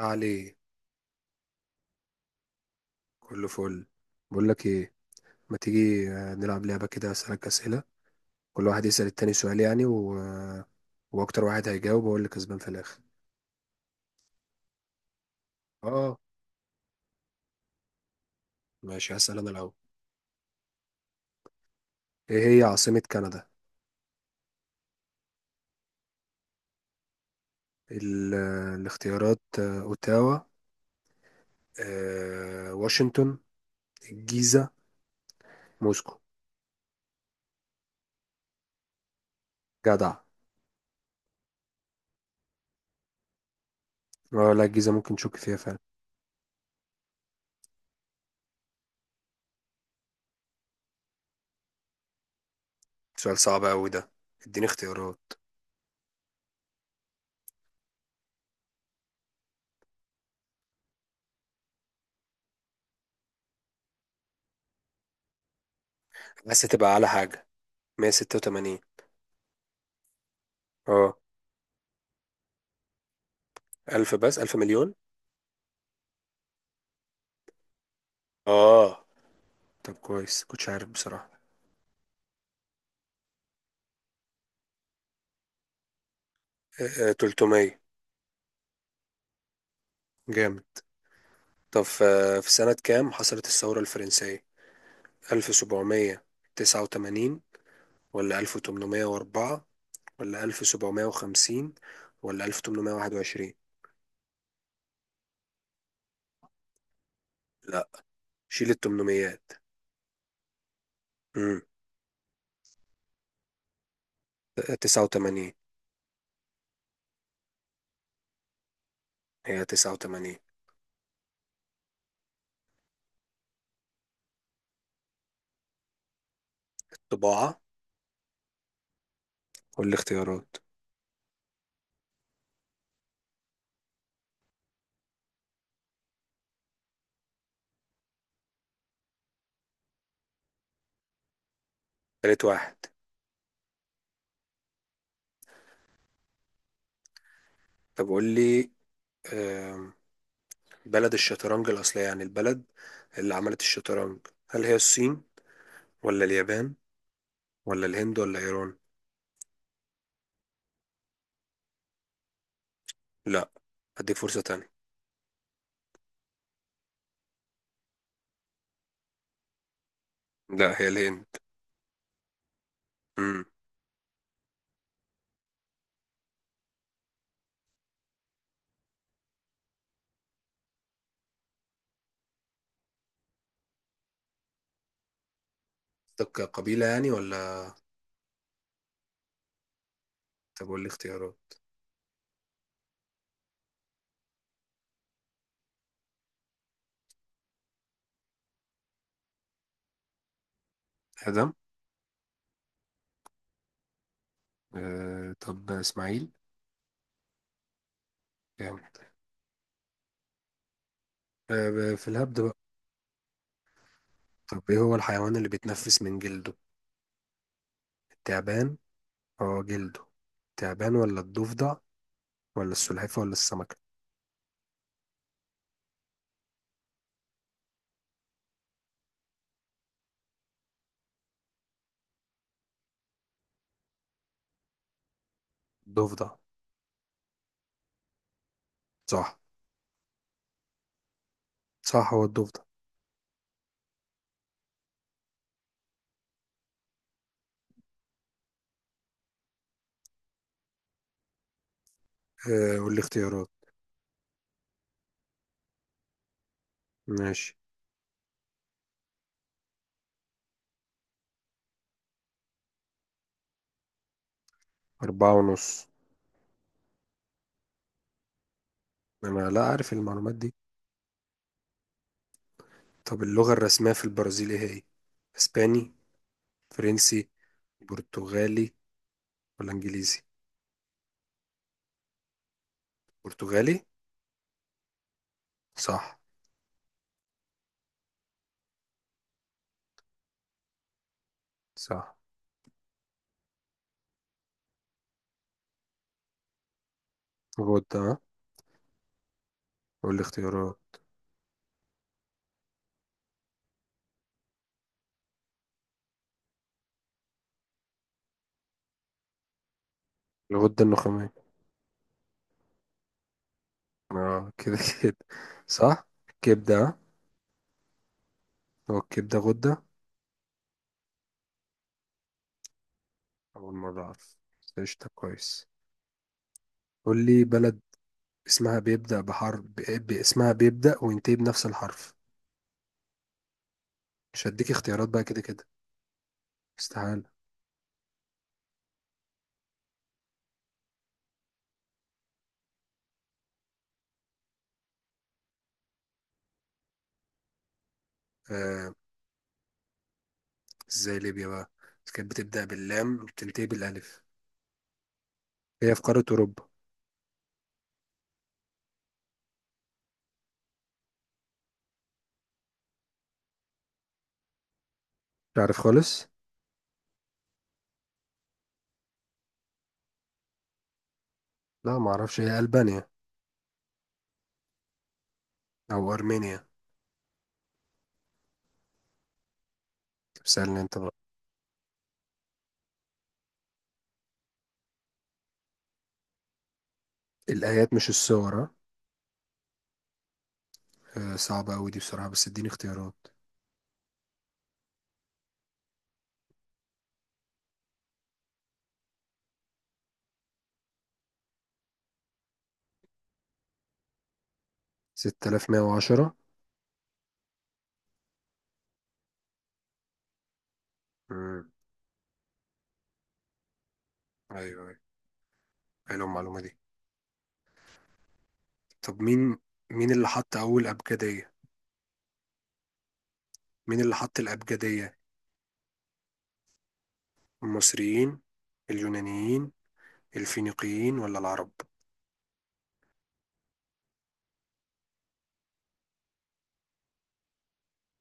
عليه. كله فل. بقول لك ايه، ما تيجي نلعب لعبة كده، اسألك أسئلة. كل واحد يسأل التاني سؤال يعني و... آه، واكتر واحد هيجاوب هو اللي كسبان في الاخر. اه، ماشي، هسأل انا الاول. ايه هي عاصمة كندا؟ ال... آه، الاختيارات: اوتاوا، واشنطن، الجيزة، موسكو. جدع. اه، لا، الجيزة ممكن تشك فيها فعلا. سؤال صعب قوي ده. اديني اختيارات. بس تبقى على حاجة. 186. اه، ألف بس، ألف مليون. اه. طب كويس، كنتش عارف بصراحة. 300. جامد. طب في سنة كام حصلت الثورة الفرنسية؟ 1789 ولا 1804 ولا 1750 ولا 1821؟ لا، شيل التمنميات. امم 89. هي 89. طباعة. قول لي اختيارات. تالت واحد. طب قول لي، آم، بلد الشطرنج الأصلية، يعني البلد اللي عملت الشطرنج. هل هي الصين ولا اليابان ولا الهند ولا إيران؟ لا، هديك فرصة تانية. لا، هي الهند. امم قصدك قبيلة يعني، ولا... طب قول لي اختيارات. آدم. آه، طب إسماعيل. جامد. آه، في الهبد بقى. طب إيه هو الحيوان اللي بيتنفس من جلده؟ التعبان. اه، جلده. التعبان ولا الضفدع ولا السلحفاة ولا السمكة؟ الضفدع. صح. صح، هو الضفدع. آه، قول لي اختيارات. ماشي. أربعة ونص. أنا لا أعرف المعلومات دي. طب اللغة الرسمية في البرازيل إيه هي؟ اسباني، فرنسي، برتغالي ولا انجليزي؟ برتغالي. صح. صح. غدة ها؟ والاختيارات؟ الغدة النخامية. اه، كده كده. صح. كبدة ها؟ هو الكبدة غدة؟ أول مرة أعرف، بس قشطة، كويس. قول لي بلد اسمها بيبدأ بحرف ب... اسمها بيبدأ وينتهي بنفس الحرف. مش هديك اختيارات بقى، كده كده استحالة. آه. ازاي ليبيا بقى، بس كانت بتبدأ باللام وبتنتهي بالألف. هي في قارة أوروبا. تعرف خالص. لا، ما اعرفش. هي ألبانيا. أو أرمينيا. طب سألني انت بقى. الآيات مش السور، ها؟ آه، صعبة أوي دي بصراحة، بس اديني اختيارات. 6110. امم، ايوه، ايوه، حلوه المعلومة دي. طب مين اللي حط أول أبجدية؟ مين اللي حط الأبجدية؟ المصريين، اليونانيين، الفينيقيين ولا العرب؟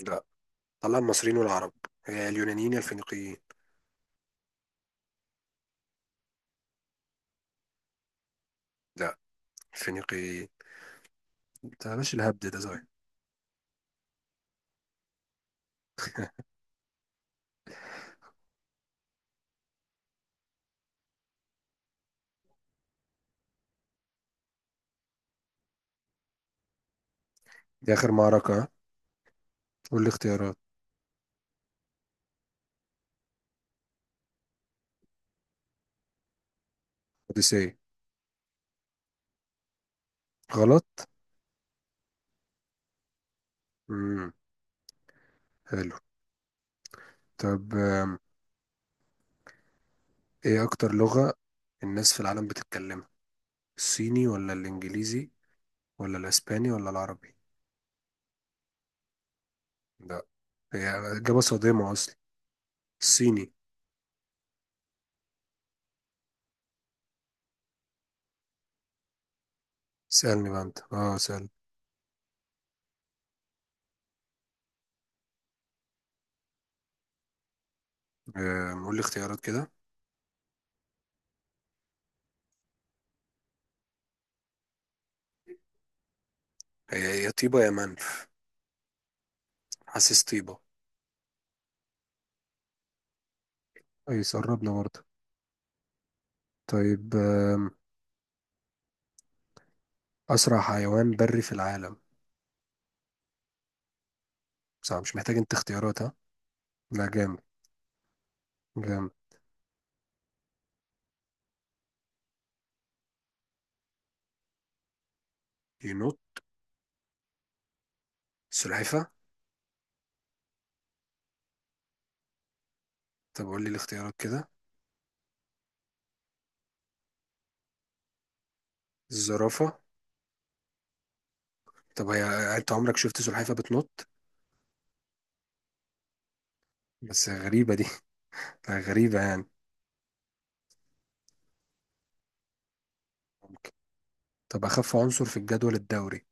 لا. طلع المصريين والعرب. هي اليونانيين يا الفينيقيين. لا، الفينيقيين. انت يا باشا، الهبد ده صحيح. دي آخر معركة، ها؟ قول لي اختيارات. أوديسيه. غلط؟ امم حلو. طب ايه اكتر لغة الناس في العالم بتتكلمها؟ الصيني ولا الانجليزي ولا الاسباني ولا العربي؟ لا. هي اجابة صادمة اصلا. الصيني. سألني بقى انت. اه، سأل. آه، قول لي اختيارات كده. هي يا طيبة يا منف. حاسس طيبة. اي، قربنا برضه. طيب اسرع حيوان بري في العالم. صعب، مش محتاج انت اختيارات، ها؟ لا، جامد. جامد. ينوت؟ سلحفة. طب قول لي الاختيارات كده. الزرافة. طب هي، انت عمرك شفت سلحفة بتنط؟ بس غريبة دي. غريبة يعني. ممكن. طب أخف عنصر في الجدول الدوري؟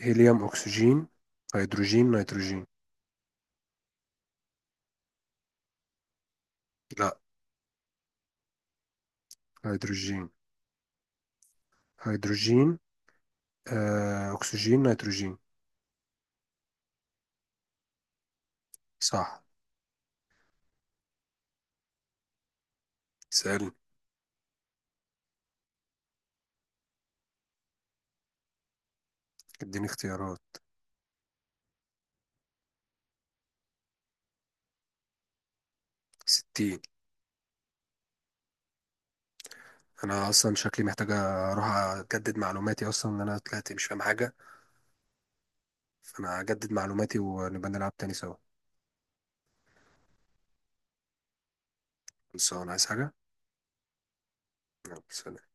هيليوم، أكسجين، هيدروجين، نيتروجين. لا، هيدروجين. هيدروجين، أكسجين، نيتروجين. صح. سألني. اديني اختيارات. ستين. أنا أصلا شكلي محتاج أروح أجدد معلوماتي، أصلا إن أنا طلعت مش فاهم حاجة. فأنا هجدد معلوماتي ونبقى نلعب تاني سوا. بس أنا عايز حاجة. يلا، سلام.